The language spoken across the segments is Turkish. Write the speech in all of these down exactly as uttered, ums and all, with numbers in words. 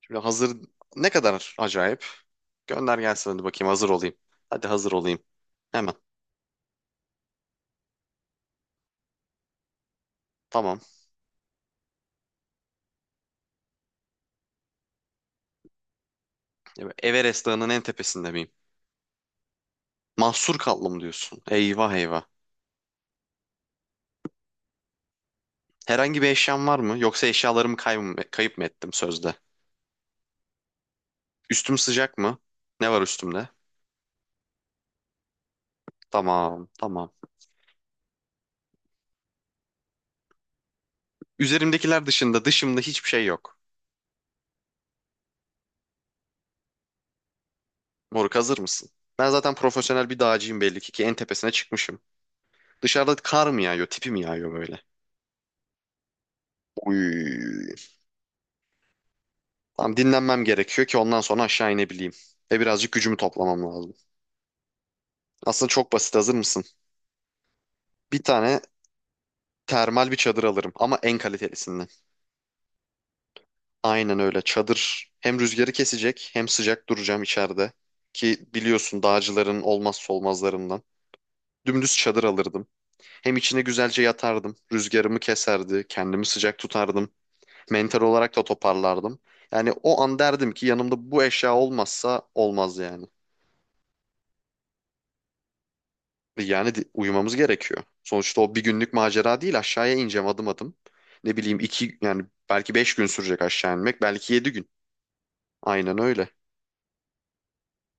Şimdi hazır. Ne kadar acayip? Gönder gelsin hadi bakayım hazır olayım. Hadi hazır olayım. Hemen. Tamam. Ya ben Everest Dağı'nın en tepesinde miyim? Mahsur kaldım diyorsun. Eyvah eyvah. Herhangi bir eşyam var mı? Yoksa eşyalarımı kayıp mı, kayıp mı ettim sözde? Üstüm sıcak mı? Ne var üstümde? Tamam tamam. Üzerimdekiler dışında dışımda hiçbir şey yok. Moruk hazır mısın? Ben zaten profesyonel bir dağcıyım belli ki ki en tepesine çıkmışım. Dışarıda kar mı yağıyor, tipi mi yağıyor böyle? Uy. Tamam, dinlenmem gerekiyor ki ondan sonra aşağı inebileyim. Ve birazcık gücümü toplamam lazım. Aslında çok basit, hazır mısın? Bir tane termal bir çadır alırım, ama en kalitelisinden. Aynen öyle, çadır hem rüzgarı kesecek hem sıcak duracağım içeride. Ki biliyorsun, dağcıların olmazsa olmazlarından. Dümdüz çadır alırdım. Hem içine güzelce yatardım. Rüzgarımı keserdi. Kendimi sıcak tutardım. Mental olarak da toparlardım. Yani o an derdim ki yanımda bu eşya olmazsa olmaz yani. Yani di- uyumamız gerekiyor. Sonuçta o bir günlük macera değil, aşağıya ineceğim adım adım. Ne bileyim iki, yani belki beş gün sürecek aşağı inmek, belki yedi gün. Aynen öyle.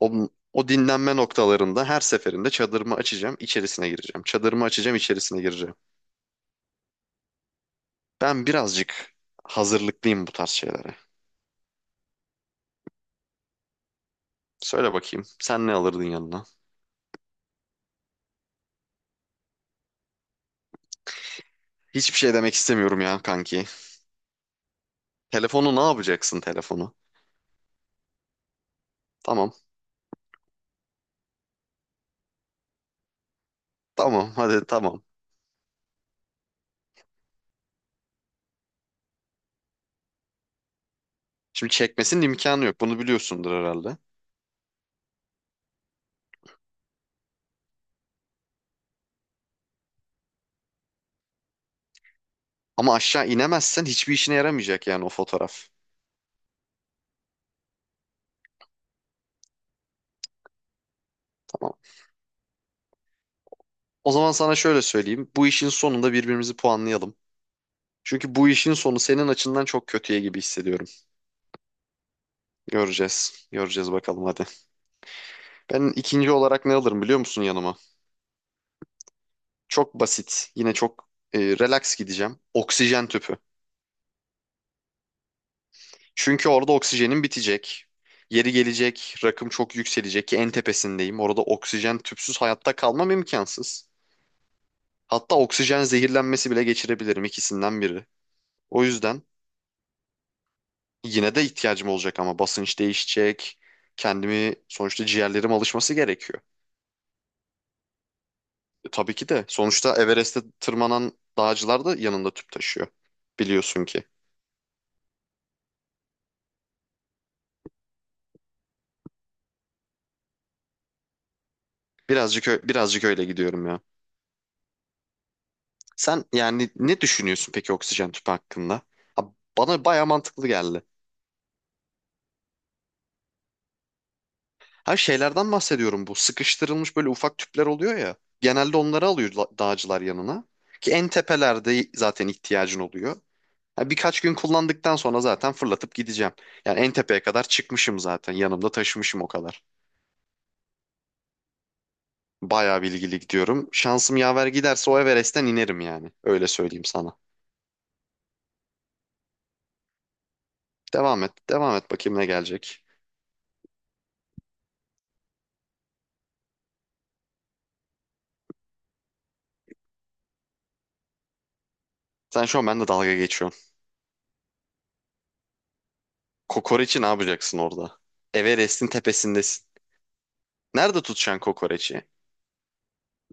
O, o dinlenme noktalarında her seferinde çadırımı açacağım, içerisine gireceğim. Çadırımı açacağım, içerisine gireceğim. Ben birazcık hazırlıklıyım bu tarz şeylere. Söyle bakayım, sen ne alırdın yanına? Hiçbir şey demek istemiyorum ya kanki. Telefonu ne yapacaksın telefonu? Tamam tamam hadi tamam. Şimdi çekmesinin imkanı yok, bunu biliyorsundur herhalde. Ama aşağı inemezsen hiçbir işine yaramayacak yani o fotoğraf. Tamam. O zaman sana şöyle söyleyeyim. Bu işin sonunda birbirimizi puanlayalım. Çünkü bu işin sonu senin açından çok kötüye gibi hissediyorum. Göreceğiz. Göreceğiz bakalım hadi. Ben ikinci olarak ne alırım biliyor musun yanıma? Çok basit. Yine çok e, relax gideceğim. Oksijen tüpü. Çünkü orada oksijenim bitecek. Yeri gelecek, rakım çok yükselecek ki en tepesindeyim. Orada oksijen tüpsüz hayatta kalmam imkansız. Hatta oksijen zehirlenmesi bile geçirebilirim, ikisinden biri. O yüzden yine de ihtiyacım olacak, ama basınç değişecek. Kendimi, sonuçta ciğerlerim alışması gerekiyor. E, tabii ki de sonuçta Everest'te tırmanan dağcılar da yanında tüp taşıyor. Biliyorsun ki. Birazcık ö- birazcık öyle gidiyorum ya. Sen yani ne düşünüyorsun peki oksijen tüpü hakkında? Ha, bana baya mantıklı geldi. Her şeylerden bahsediyorum bu. Sıkıştırılmış böyle ufak tüpler oluyor ya. Genelde onları alıyor la- dağcılar yanına. Ki en tepelerde zaten ihtiyacın oluyor. Ha, birkaç gün kullandıktan sonra zaten fırlatıp gideceğim. Yani en tepeye kadar çıkmışım zaten. Yanımda taşımışım o kadar. Bayağı bilgili gidiyorum. Şansım yaver giderse o Everest'ten inerim yani. Öyle söyleyeyim sana. Devam et. Devam et bakayım ne gelecek. Sen şu an benimle dalga geçiyorsun. Kokoreçi ne yapacaksın orada? Everest'in tepesindesin. Nerede tutacaksın kokoreçi?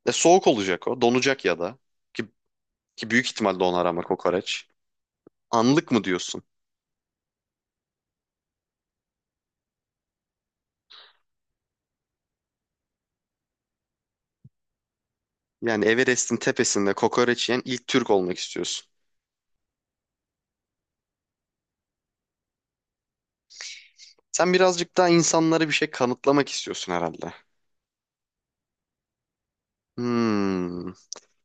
E, soğuk olacak o. Donacak ya da. Ki, ki büyük ihtimal donar ama kokoreç. Anlık mı diyorsun? Yani Everest'in tepesinde kokoreç yiyen ilk Türk olmak istiyorsun. Sen birazcık daha insanlara bir şey kanıtlamak istiyorsun herhalde. Hmm.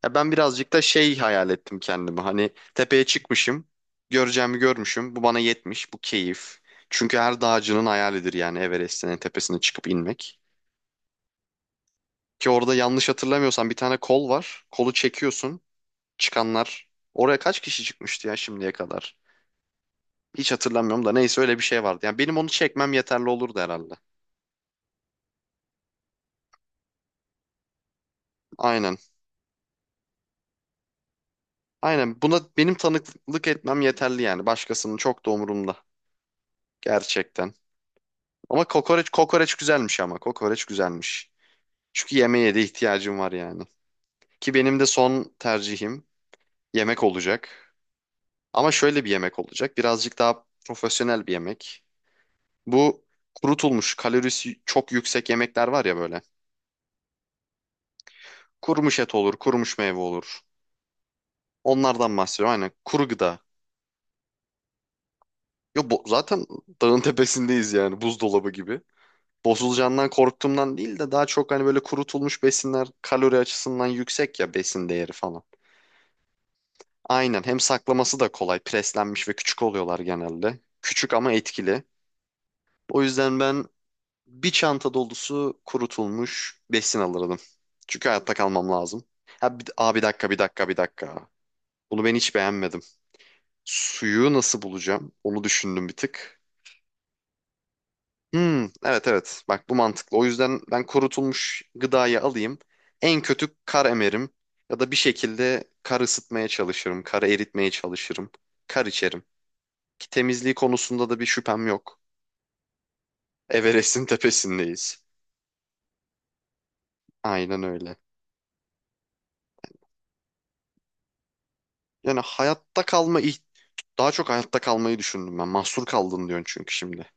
Ya ben birazcık da şey hayal ettim kendimi. Hani tepeye çıkmışım, göreceğimi görmüşüm. Bu bana yetmiş, bu keyif. Çünkü her dağcının hayalidir yani Everest'in en tepesine çıkıp inmek. Ki orada, yanlış hatırlamıyorsam, bir tane kol var. Kolu çekiyorsun. Çıkanlar. Oraya kaç kişi çıkmıştı ya şimdiye kadar? Hiç hatırlamıyorum da neyse, öyle bir şey vardı. Yani benim onu çekmem yeterli olurdu herhalde. Aynen. Aynen, buna benim tanıklık etmem yeterli yani. Başkasının çok da umurumda. Gerçekten. Ama kokoreç kokoreç güzelmiş ama. Kokoreç güzelmiş. Çünkü yemeğe de ihtiyacım var yani. Ki benim de son tercihim yemek olacak. Ama şöyle bir yemek olacak. Birazcık daha profesyonel bir yemek. Bu kurutulmuş, kalorisi çok yüksek yemekler var ya böyle. Kurumuş et olur, kurumuş meyve olur. Onlardan bahsediyorum. Aynen, kuru gıda. Yo, bu, zaten dağın tepesindeyiz yani, buzdolabı gibi. Bozulacağından korktuğumdan değil de daha çok hani böyle kurutulmuş besinler kalori açısından yüksek ya, besin değeri falan. Aynen, hem saklaması da kolay. Preslenmiş ve küçük oluyorlar genelde. Küçük ama etkili. O yüzden ben bir çanta dolusu kurutulmuş besin alırdım. Çünkü hayatta kalmam lazım. Ha, bir, aa, bir dakika bir dakika bir dakika. Bunu ben hiç beğenmedim. Suyu nasıl bulacağım? Onu düşündüm bir tık. Hmm, evet evet. Bak bu mantıklı. O yüzden ben kurutulmuş gıdayı alayım. En kötü kar emerim. Ya da bir şekilde kar ısıtmaya çalışırım. Kar eritmeye çalışırım. Kar içerim. Ki temizliği konusunda da bir şüphem yok. Everest'in tepesindeyiz. Aynen öyle. Yani hayatta kalma, iht- daha çok hayatta kalmayı düşündüm ben. Mahsur kaldın diyorsun çünkü şimdi.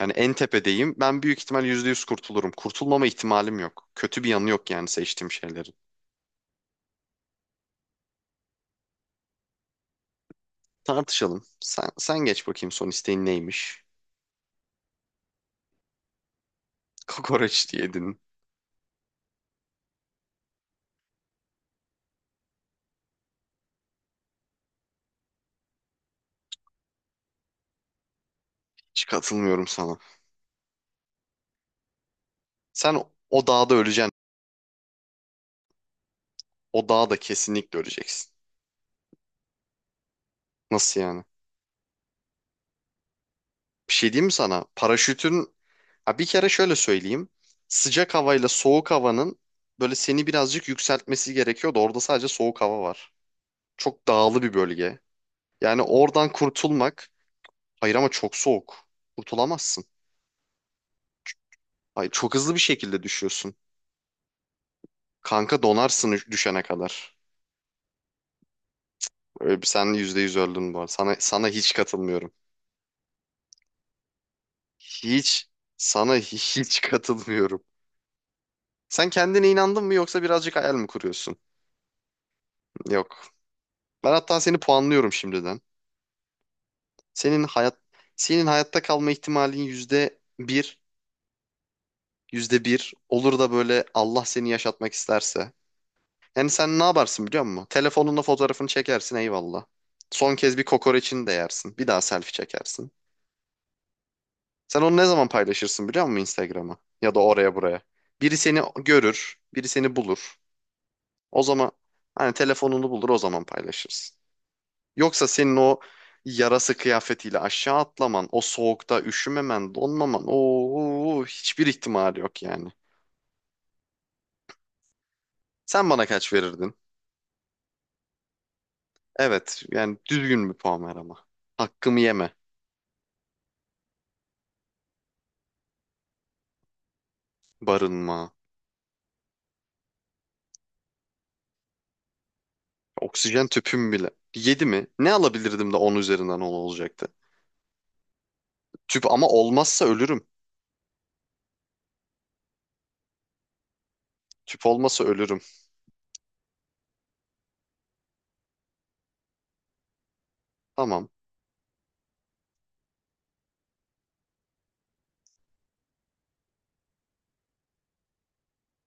Yani en tepedeyim. Ben büyük ihtimal yüzde yüz kurtulurum. Kurtulmama ihtimalim yok. Kötü bir yanı yok yani seçtiğim şeylerin. Tartışalım. Sen, sen geç bakayım, son isteğin neymiş? Kokoreç diyedin. Hiç katılmıyorum sana. Sen o o dağda öleceksin. O dağda kesinlikle öleceksin. Nasıl yani? Bir şey diyeyim mi sana? Paraşütün... Ha, bir kere şöyle söyleyeyim. Sıcak havayla soğuk havanın böyle seni birazcık yükseltmesi gerekiyordu. Orada sadece soğuk hava var. Çok dağlı bir bölge. Yani oradan kurtulmak... Hayır, ama çok soğuk. Kurtulamazsın. Hayır, çok hızlı bir şekilde düşüyorsun. Kanka donarsın düş- düşene kadar. Öyle bir- Sen yüzde yüz öldün bu arada. Sana, sana hiç katılmıyorum. Hiç. Sana hiç katılmıyorum. Sen kendine inandın mı, yoksa birazcık hayal mi kuruyorsun? Yok. Ben hatta seni puanlıyorum şimdiden. Senin hayat senin hayatta kalma ihtimalin yüzde bir, yüzde bir olur da böyle Allah seni yaşatmak isterse. Yani sen ne yaparsın biliyor musun? Telefonunla fotoğrafını çekersin, eyvallah. Son kez bir kokoreçini de yersin. Bir daha selfie çekersin. Sen onu ne zaman paylaşırsın biliyor musun Instagram'a? Ya da oraya buraya. Biri seni görür, biri seni bulur. O zaman, hani telefonunu bulur, o zaman paylaşırsın. Yoksa senin o yarası kıyafetiyle aşağı atlaman, o soğukta üşümemen, donmaman, o hiçbir ihtimali yok yani. Sen bana kaç verirdin? Evet, yani düzgün bir puan ver ama. Hakkımı yeme. Barınma, oksijen tüpüm bile. Yedi mi? Ne alabilirdim de on üzerinden on olacaktı? Tüp ama olmazsa ölürüm. Tüp olmasa ölürüm. Tamam.